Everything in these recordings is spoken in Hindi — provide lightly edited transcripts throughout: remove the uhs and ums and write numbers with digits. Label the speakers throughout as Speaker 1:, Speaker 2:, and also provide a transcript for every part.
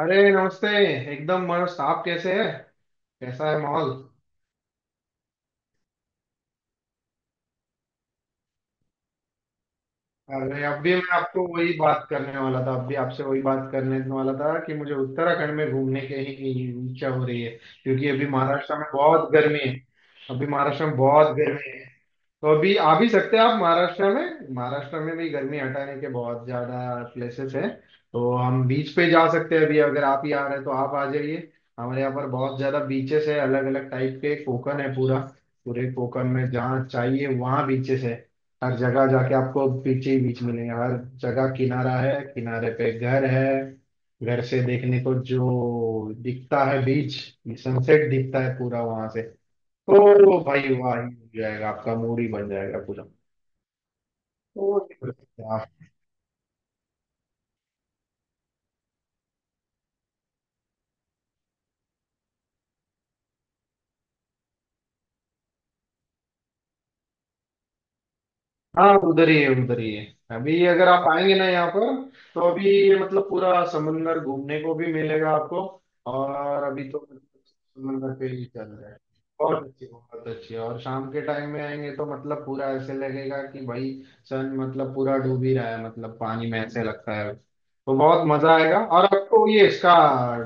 Speaker 1: अरे नमस्ते। एकदम मस्त, आप कैसे हैं? कैसा है माहौल? अरे अभी मैं आपको वही बात करने वाला था, अभी आपसे वही बात करने वाला था कि मुझे उत्तराखंड में घूमने की ही इच्छा हो रही है। क्योंकि अभी महाराष्ट्र में बहुत गर्मी है, अभी महाराष्ट्र में बहुत गर्मी है। तो अभी आ भी सकते हैं आप महाराष्ट्र में, महाराष्ट्र में भी गर्मी हटाने के बहुत ज्यादा प्लेसेस हैं। तो हम बीच पे जा सकते हैं, अभी अगर आप ही आ रहे हैं तो आप आ जाइए। हमारे यहाँ पर बहुत ज्यादा बीचेस है, अलग अलग टाइप के। कोकण है पूरा, पूरे कोकण में जहाँ चाहिए वहाँ बीचेस है। हर जगह जाके आपको बीच ही बीच मिलेंगे, हर जगह किनारा है, किनारे पे घर है। घर से देखने को जो दिखता है बीच, सनसेट दिखता है पूरा वहां से। तो भाई वाह ही हो जाएगा, आपका मूड ही बन जाएगा पूरा। तो हाँ, उधर ही है, उधर ही है। अभी अगर आप आएंगे ना यहाँ पर, तो अभी ये मतलब पूरा समंदर घूमने को भी मिलेगा आपको। और अभी तो समंदर पे ही चल रहा है, बहुत अच्छी बहुत अच्छी। और शाम के टाइम में आएंगे तो मतलब पूरा ऐसे लगेगा कि भाई सन मतलब पूरा डूब ही रहा है, मतलब पानी में ऐसे लगता है, तो बहुत मजा आएगा। और आपको ये इसका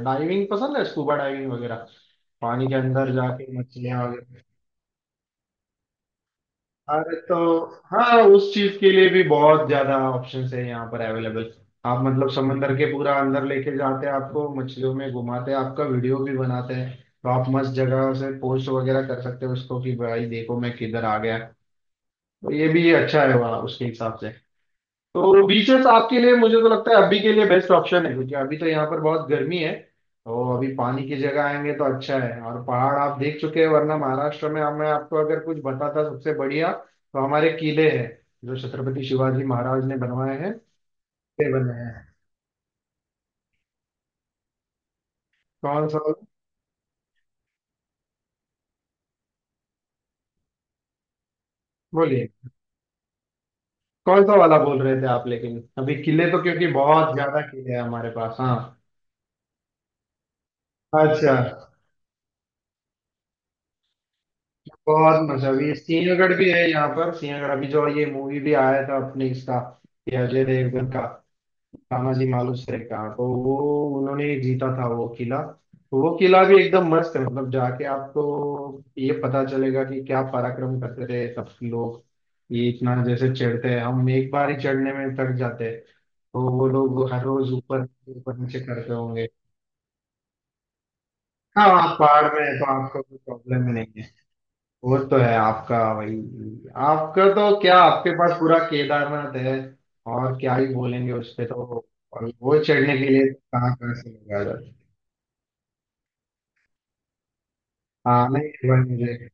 Speaker 1: डाइविंग पसंद है, स्कूबा डाइविंग वगैरह? पानी के अंदर जाके मछलियां, अरे तो हाँ, उस चीज के लिए भी बहुत ज्यादा ऑप्शंस है यहाँ पर अवेलेबल। आप मतलब समंदर के पूरा अंदर लेके जाते हैं आपको, मछलियों में घुमाते हैं, आपका वीडियो भी बनाते हैं। तो आप मस्त जगह से पोस्ट वगैरह कर सकते हो उसको कि भाई देखो मैं किधर आ गया। तो ये भी अच्छा है वहाँ उसके हिसाब से। तो बीचेस आपके लिए मुझे तो लगता है अभी के लिए बेस्ट ऑप्शन है, क्योंकि अभी तो यहाँ पर बहुत गर्मी है। और अभी पानी की जगह आएंगे तो अच्छा है। और पहाड़ आप देख चुके हैं, वरना महाराष्ट्र में मैं आपको अगर कुछ बताता सबसे बढ़िया, तो हमारे किले हैं जो छत्रपति शिवाजी महाराज ने बनवाए हैं। किले बने हैं। कौन सा? बोलिए, कौन सा वाला बोल रहे थे आप? लेकिन अभी किले तो क्योंकि बहुत ज्यादा किले हैं हमारे पास। हाँ, अच्छा, बहुत मजा भी है। सिंहगढ़ भी है यहाँ पर, सिंहगढ़ अभी जो ये मूवी भी आया था अपने इसका, ये अजय देवगन का, तानाजी मालुसरे का, तो वो उन्होंने जीता था वो किला। तो वो किला भी एकदम मस्त है, मतलब जाके आपको ये पता चलेगा कि क्या पराक्रम करते थे सब लोग। ये इतना जैसे चढ़ते हैं, हम एक बार ही चढ़ने में थक जाते हैं, तो वो लोग हर रोज ऊपर ऊपर नीचे करते होंगे। हाँ, आप पहाड़ में है तो आपको कोई प्रॉब्लम ही नहीं है। वो तो है आपका वही, आपका तो क्या, आपके पास पूरा केदारनाथ है, और क्या ही बोलेंगे उस पे। तो और वो चढ़ने के लिए कहाँ कहाँ से लोग आ जाते हैं। हाँ नहीं, एक बार मुझे,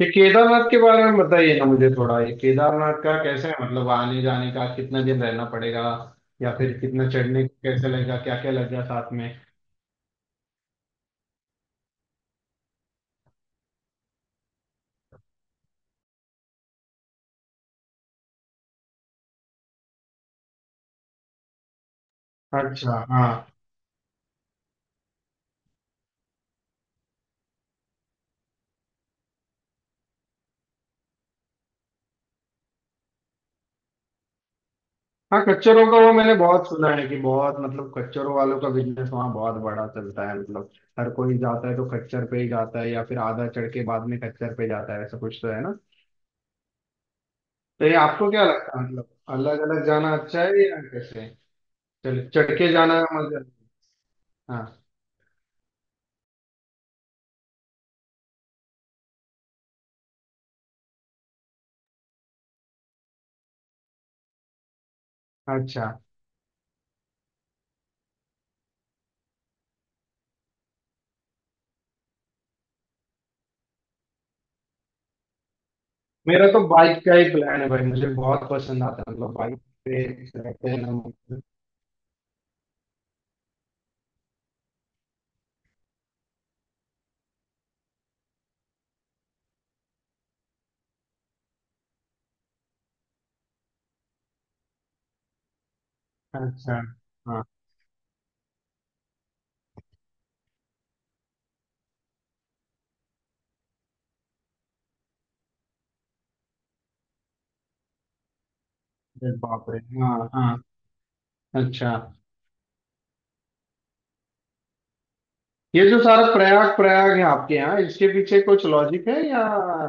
Speaker 1: ये केदारनाथ के बारे में बताइए ना मुझे थोड़ा, ये केदारनाथ का कैसे है, मतलब आने जाने का, कितना दिन रहना पड़ेगा या फिर कितना चढ़ने को कैसे लगेगा, क्या क्या लगेगा साथ में। अच्छा हाँ, हाँ कच्चरों का वो मैंने बहुत सुना है कि बहुत, मतलब कच्चरों वालों का बिजनेस वहाँ बहुत बड़ा चलता है, मतलब हर कोई जाता है तो खच्चर पे ही जाता है, या फिर आधा चढ़ के बाद में खच्चर पे जाता है, ऐसा कुछ तो है ना। तो ये आपको क्या लगता है, मतलब अलग अलग जाना अच्छा है या कैसे, चल चढ़ के जाना मजा? हाँ, अच्छा। मेरा तो बाइक का ही प्लान है भाई, मुझे बहुत पसंद आता है, मतलब बाइक पे रहते हैं ना मतलब। अच्छा, हाँ। अरे बाप रे! हाँ हाँ। अच्छा, ये जो सारा प्रयाग प्रयाग है आपके यहाँ, इसके पीछे कुछ लॉजिक है या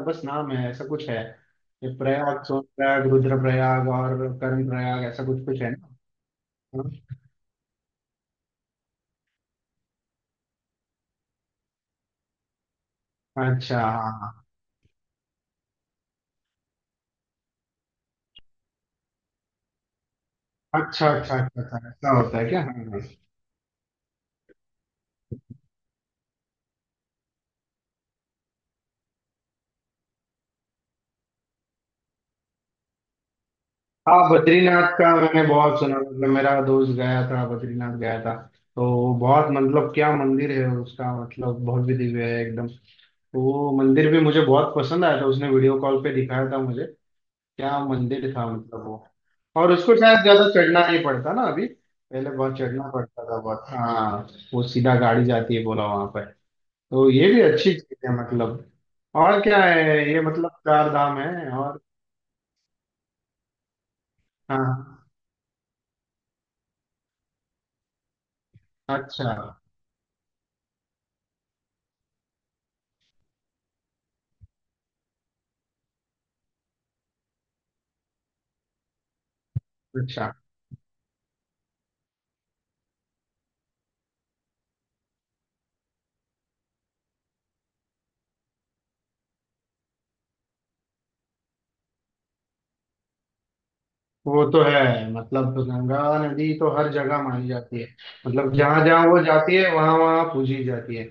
Speaker 1: बस नाम है, ऐसा कुछ है? ये प्रयाग, सोन प्रयाग, रुद्र प्रयाग और कर्ण प्रयाग, ऐसा कुछ कुछ है ना? हाँ। अच्छा, हाँ। अच्छा अच्छा अच्छा अच्छा, ऐसा होता है क्या? हाँ हाँ। हाँ, बद्रीनाथ का मैंने बहुत सुना, मतलब मेरा दोस्त गया था, बद्रीनाथ गया था। तो बहुत मतलब क्या मंदिर है उसका, मतलब बहुत भी दिव्य है एकदम। तो वो मंदिर भी मुझे बहुत पसंद आया था, उसने वीडियो कॉल पे दिखाया था मुझे। क्या मंदिर था मतलब वो! और उसको शायद ज्यादा चढ़ना नहीं पड़ता ना अभी, पहले बहुत चढ़ना पड़ता था बहुत, हाँ। वो सीधा गाड़ी जाती है, बोला, वहां पर। तो ये भी अच्छी चीज है मतलब। और क्या है ये, मतलब चार धाम है और, हाँ, अच्छा अच्छा। वो तो है, मतलब गंगा नदी तो हर जगह मानी जाती है, मतलब जहां जहां वो जाती है, वहां वहां पूजी जाती है।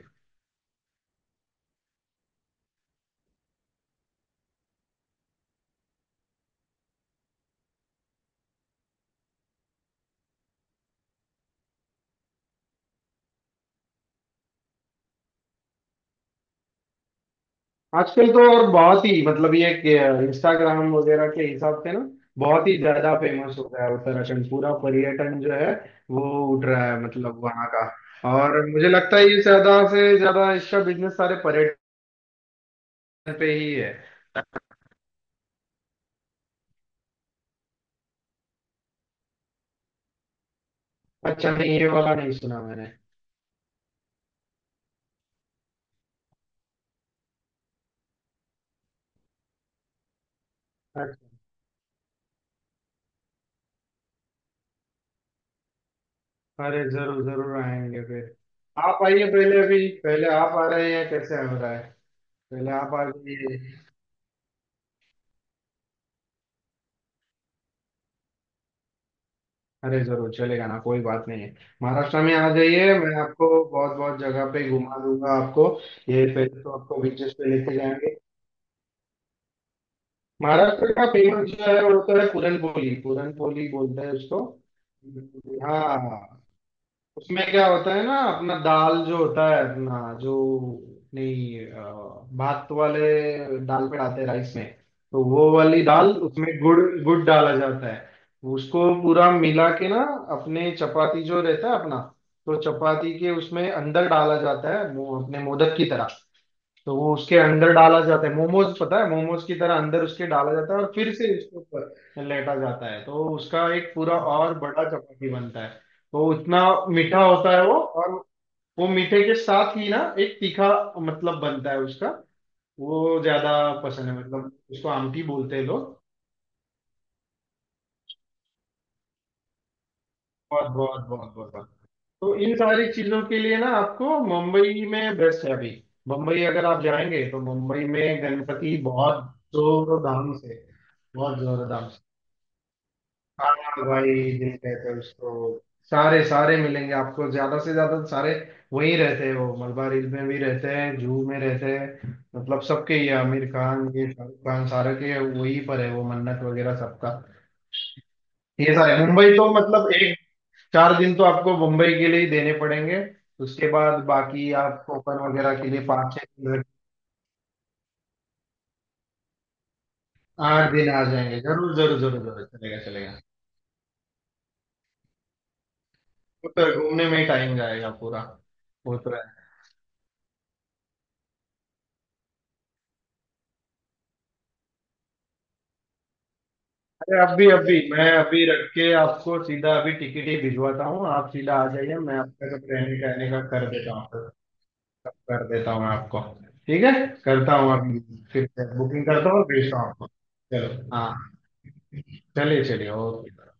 Speaker 1: आजकल तो और बहुत ही मतलब ये इंस्टाग्राम वगैरह के हिसाब से ना बहुत ही ज्यादा फेमस हो गया है उत्तराखंड, पूरा पर्यटन जो है वो उठ रहा है मतलब वहाँ का। और मुझे लगता है ये ज्यादा से ज्यादा इसका बिजनेस सारे पर्यटन पे ही है। अच्छा, नहीं, ये वाला नहीं सुना मैंने। अच्छा, अरे जरूर जरूर आएंगे फिर। आप आइए पहले, अभी पहले आप आ रहे हैं, कैसे हो रहा है? पहले आप आ जाइए। अरे जरूर चलेगा ना, कोई बात नहीं है। महाराष्ट्र में आ जाइए, मैं आपको बहुत बहुत जगह पे घुमा दूंगा आपको। ये पहले तो आपको बीचेस पे लेके जाएंगे। महाराष्ट्र का फेमस जो है वो तो है पूरन पोली, पूरन पोली बोलते हैं उसको। हाँ हाँ। उसमें क्या होता है ना, अपना दाल जो होता है अपना जो, नहीं अ, भात वाले दाल पे डालते हैं, राइस में। तो वो वाली दाल, उसमें गुड़ गुड़ डाला जाता है, उसको पूरा मिला के ना, अपने चपाती जो रहता है अपना, तो चपाती के उसमें अंदर डाला जाता है वो, अपने मोदक की तरह। तो वो उसके अंदर डाला जाता है, मोमोज पता है, मोमोज की तरह अंदर उसके डाला जाता है, और फिर से उसके ऊपर लेटा जाता है, तो उसका एक पूरा और बड़ा चपाती बनता है। तो उतना मीठा होता है वो। और वो मीठे के साथ ही ना एक तीखा मतलब बनता है उसका, वो ज्यादा पसंद है, मतलब उसको आमटी बोलते हैं लोग। बहुत बहुत बहुत बहुत। तो इन सारी चीजों के लिए ना आपको मुंबई में बेस्ट है अभी, मुंबई अगर आप जाएंगे तो मुंबई में गणपति बहुत जोर धाम से, बहुत जोर धाम से। हाँ भाई, दिल कहते हैं उसको। सारे सारे मिलेंगे आपको, ज्यादा से ज्यादा तो सारे वही रहते हैं वो, मलबार हिल में भी रहते हैं, जूहू में रहते हैं, मतलब सबके, ये आमिर खान, ये शाहरुख खान, सारे के वही पर है वो मन्नत वगैरह सबका। ये सारे मुंबई तो मतलब एक 4 दिन तो आपको मुंबई के लिए ही देने पड़ेंगे। उसके बाद बाकी आप कोकण वगैरह के लिए 5 6 दिन। 8 दिन आ जाएंगे, जरूर जरूर जरूर जरूर, चलेगा चलेगा। वो तो घूमने में ही टाइम जाएगा पूरा। वो तो है। अरे अभी अभी मैं अभी रख के आपको सीधा अभी टिकट ही भिजवाता हूँ, आप सीधा आ जाइए, मैं आपका सब रहने कहने का कर देता हूँ, कर देता हूँ आपको। ठीक है, करता हूँ अभी, फिर बुकिंग करता हूँ और भेजता हूँ आपको। चलो हाँ, चलिए चलिए, ओके।